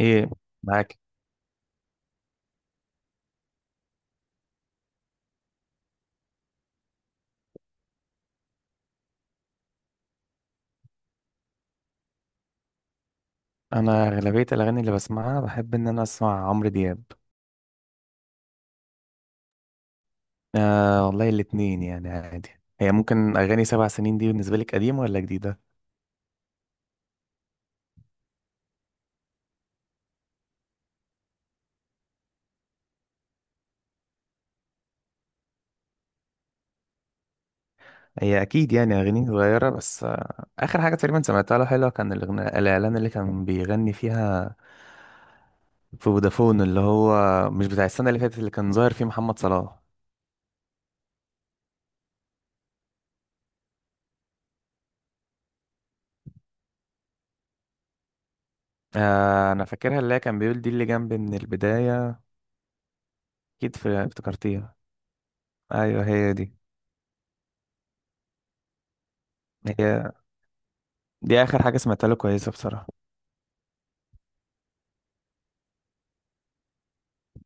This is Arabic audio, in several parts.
ايه، معاك. انا اغلبيه الاغاني اللي بسمعها بحب ان انا اسمع عمرو دياب. آه والله الاتنين يعني عادي. هي ممكن اغاني 7 سنين دي بالنسبه لك قديمه ولا جديده؟ هي اكيد يعني اغاني صغيره، بس آه اخر حاجه تقريبا سمعتها له حلوه كان الأغنية الاعلان اللي كان بيغني فيها في فودافون، اللي هو مش بتاع السنه اللي فاتت اللي كان ظاهر فيه محمد صلاح. آه انا فاكرها، اللي هي كان بيقول دي اللي جنبي من البدايه. اكيد افتكرتيها. ايوه هي دي. هي دي اخر حاجه سمعتها له كويسه بصراحه.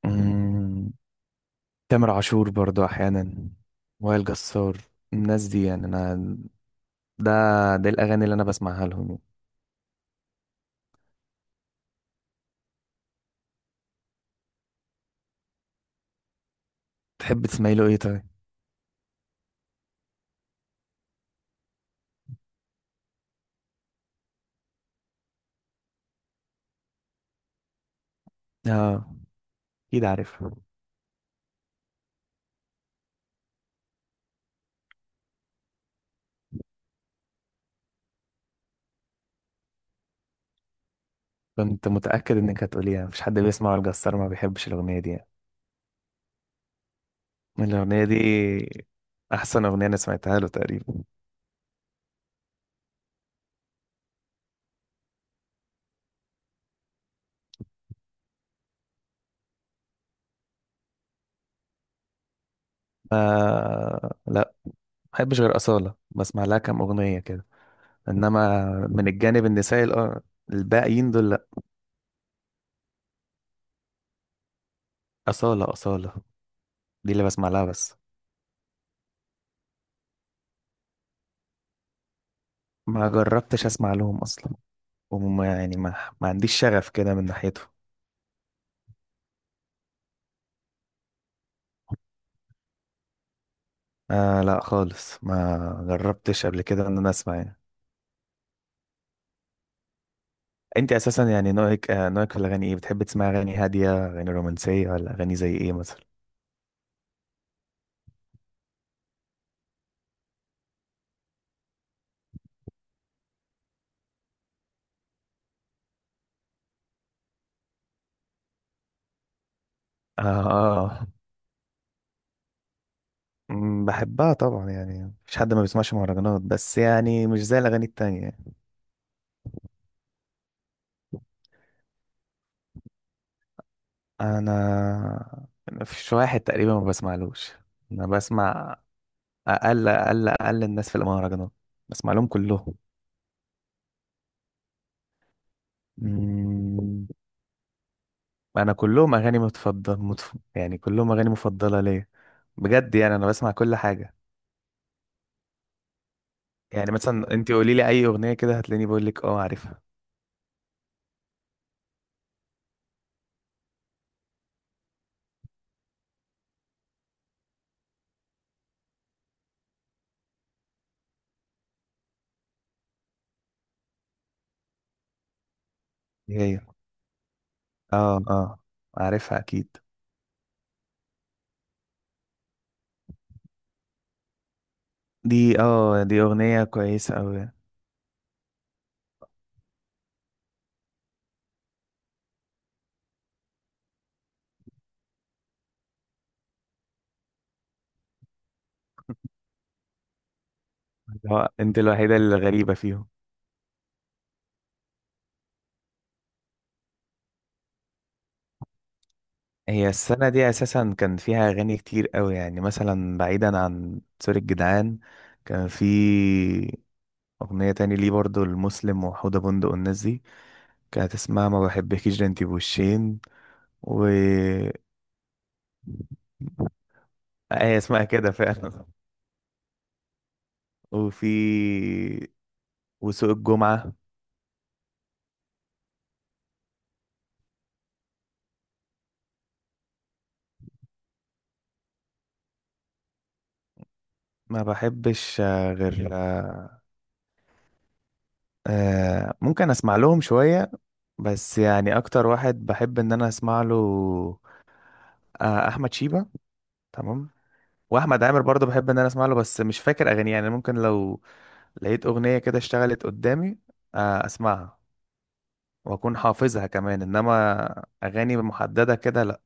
مم، تامر عاشور برضو احيانا، وائل جسار، الناس دي. يعني انا ده ده الاغاني اللي انا بسمعها لهم يعني. تحب تسمعي له ايه طيب؟ اه اكيد عارف. كنت متاكد انك هتقوليها، مفيش حد بيسمع وائل جسار ما بيحبش الاغنيه دي يعني. الاغنيه دي احسن اغنيه انا سمعتها له تقريبا. آه لا، ما بحبش غير اصاله، بسمع لها كام اغنيه كده. انما من الجانب النسائي الباقيين دول لا. اصاله اصاله دي اللي بسمع لها بس. ما جربتش اسمع لهم اصلا، وما يعني ما عنديش شغف كده من ناحيتهم. آه لا خالص، ما جربتش قبل كده ان انا اسمع يعني. انت اساسا يعني نوعك آه نوعك في الاغاني ايه؟ بتحب تسمع اغاني هاديه، اغاني رومانسيه، ولا اغاني زي ايه مثلا؟ اه، آه. بحبها طبعا يعني، مفيش حد ما بيسمعش مهرجانات، بس يعني مش زي الاغاني التانية. انا مفيش واحد تقريبا ما بسمعلوش. انا بسمع اقل اقل اقل الناس في المهرجانات، بسمع لهم كلهم. مم. انا كلهم اغاني متفضل يعني كلهم اغاني مفضله ليا. بجد يعني انا بسمع كل حاجه. يعني مثلا انت قولي لي اي اغنيه كده هتلاقيني بقول لك اه عارفها. دي هي، اه اه عارفها اكيد. دي اه دي اغنيه كويسه قوي. انت الوحيده اللي غريبه فيهم. هي السنه دي اساسا كان فيها اغاني كتير قوي، يعني مثلا بعيدا عن سوري الجدعان كان في اغنيه تاني ليه برضو المسلم وحوده بندق والناس دي، كانت اسمها ما بحبكيش ده انتي بوشين، و هي اسمها كده فعلا. وفي وسوق الجمعة. ما بحبش غير ممكن اسمع لهم شوية، بس يعني اكتر واحد بحب ان انا اسمع له احمد شيبة، تمام. واحمد عامر برضه بحب ان انا اسمع له، بس مش فاكر اغانيه يعني. ممكن لو لقيت اغنية كده اشتغلت قدامي اسمعها واكون حافظها كمان. انما اغاني محددة كده لا.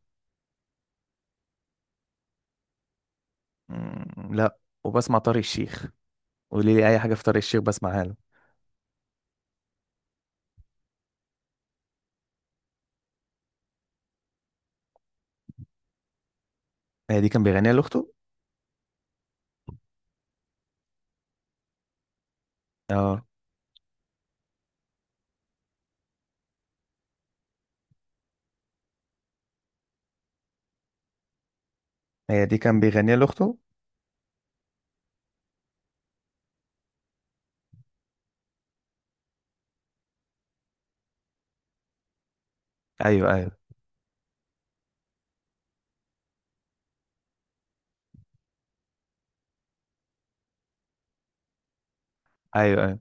مم، لا. وبسمع طارق الشيخ، قولي لي اي حاجه في طارق الشيخ بسمعها له. هي دي كان بيغنيها لاخته؟ اه، هي دي كان بيغنيها لاخته؟ ايوه ايوه، ايوه ايوه.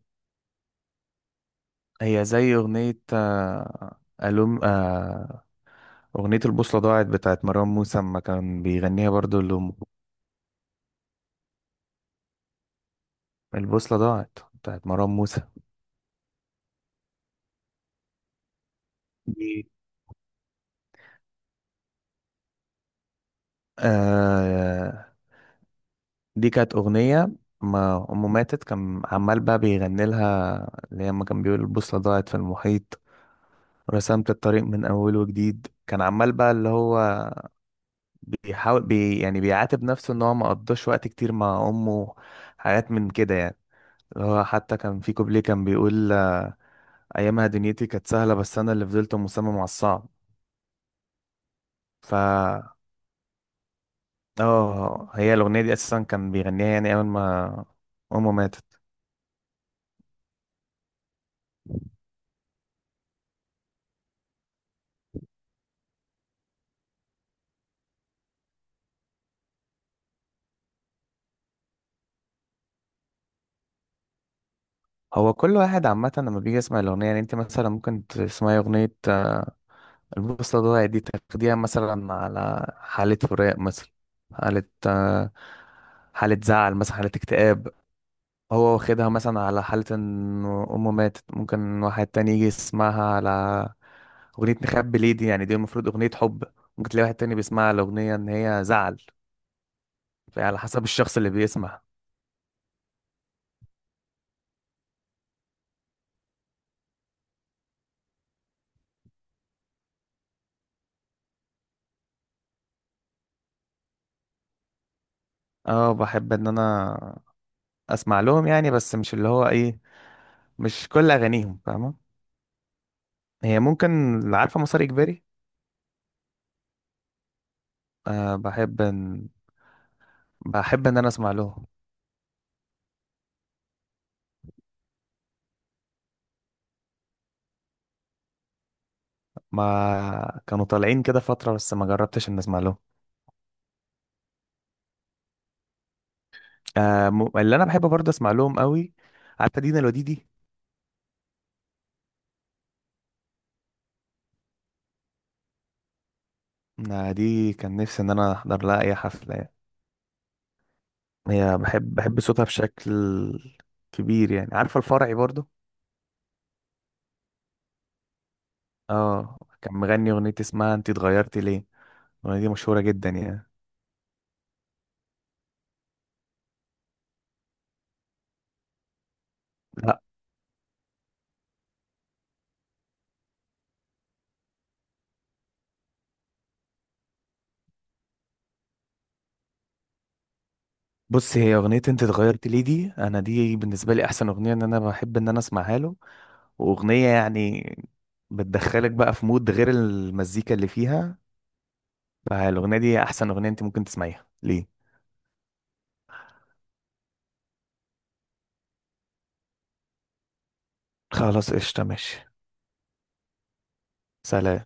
هي زي اغنيه الوم، اغنيه البوصله ضاعت بتاعت مروان موسى اما كان بيغنيها برضو لامه. البوصله ضاعت بتاعت مروان موسى. دي آه دي كانت اغنيه ما امه ماتت كان عمال بقى بيغني لها. اللي هي اما كان بيقول البوصله ضاعت في المحيط، رسمت الطريق من أول وجديد، كان عمال بقى اللي هو بيحاول يعني بيعاتب نفسه ان هو ما قضاش وقت كتير مع امه، حاجات من كده يعني. هو حتى كان في كوبليه كان بيقول ايامها دنيتي كانت سهله بس انا اللي فضلت مصمم على الصعب. ف اه هي الاغنيه دي اساسا كان بيغنيها يعني اول ما امه ماتت. هو كل واحد عامه لما بيجي يسمع الاغنيه، يعني انت مثلا ممكن تسمعي اغنيه البوصله ضاعت دي تاخديها مثلا على حاله فراق مثلا، حاله حاله زعل مثلا، حاله اكتئاب. هو واخدها مثلا على حالة ان امه ماتت، ممكن واحد تاني يجي يسمعها على اغنية نخبي ليه دي، يعني دي المفروض اغنية حب. ممكن تلاقي واحد تاني بيسمعها على اغنية ان هي زعل. فعلى حسب الشخص اللي بيسمع. اه بحب ان انا اسمع لهم يعني، بس مش اللي هو ايه، مش كل اغانيهم فاهمة. هي ممكن اللي عارفة مسار اجباري. أه، بحب ان انا اسمع لهم. ما كانوا طالعين كده فترة، بس ما جربتش ان اسمع لهم. آه، اللي انا بحب برضه اسمع لهم قوي، عارفه دينا الوديدي. آه دي كان نفسي ان انا احضر لها اي حفله يعني. هي بحب صوتها بشكل كبير يعني. عارفه الفرعي برضه. اه كان مغني اغنيه اسمها انت اتغيرتي ليه، الاغنيه دي مشهوره جدا يعني. لا. بص هي اغنيه انت اتغيرتي ليه دي، انا دي بالنسبه لي احسن اغنيه ان انا بحب ان انا اسمعها له. واغنيه يعني بتدخلك بقى في مود غير المزيكا اللي فيها. فالاغنيه دي احسن اغنيه انت ممكن تسمعيها ليه. خلاص قشطة ماشي. سلام.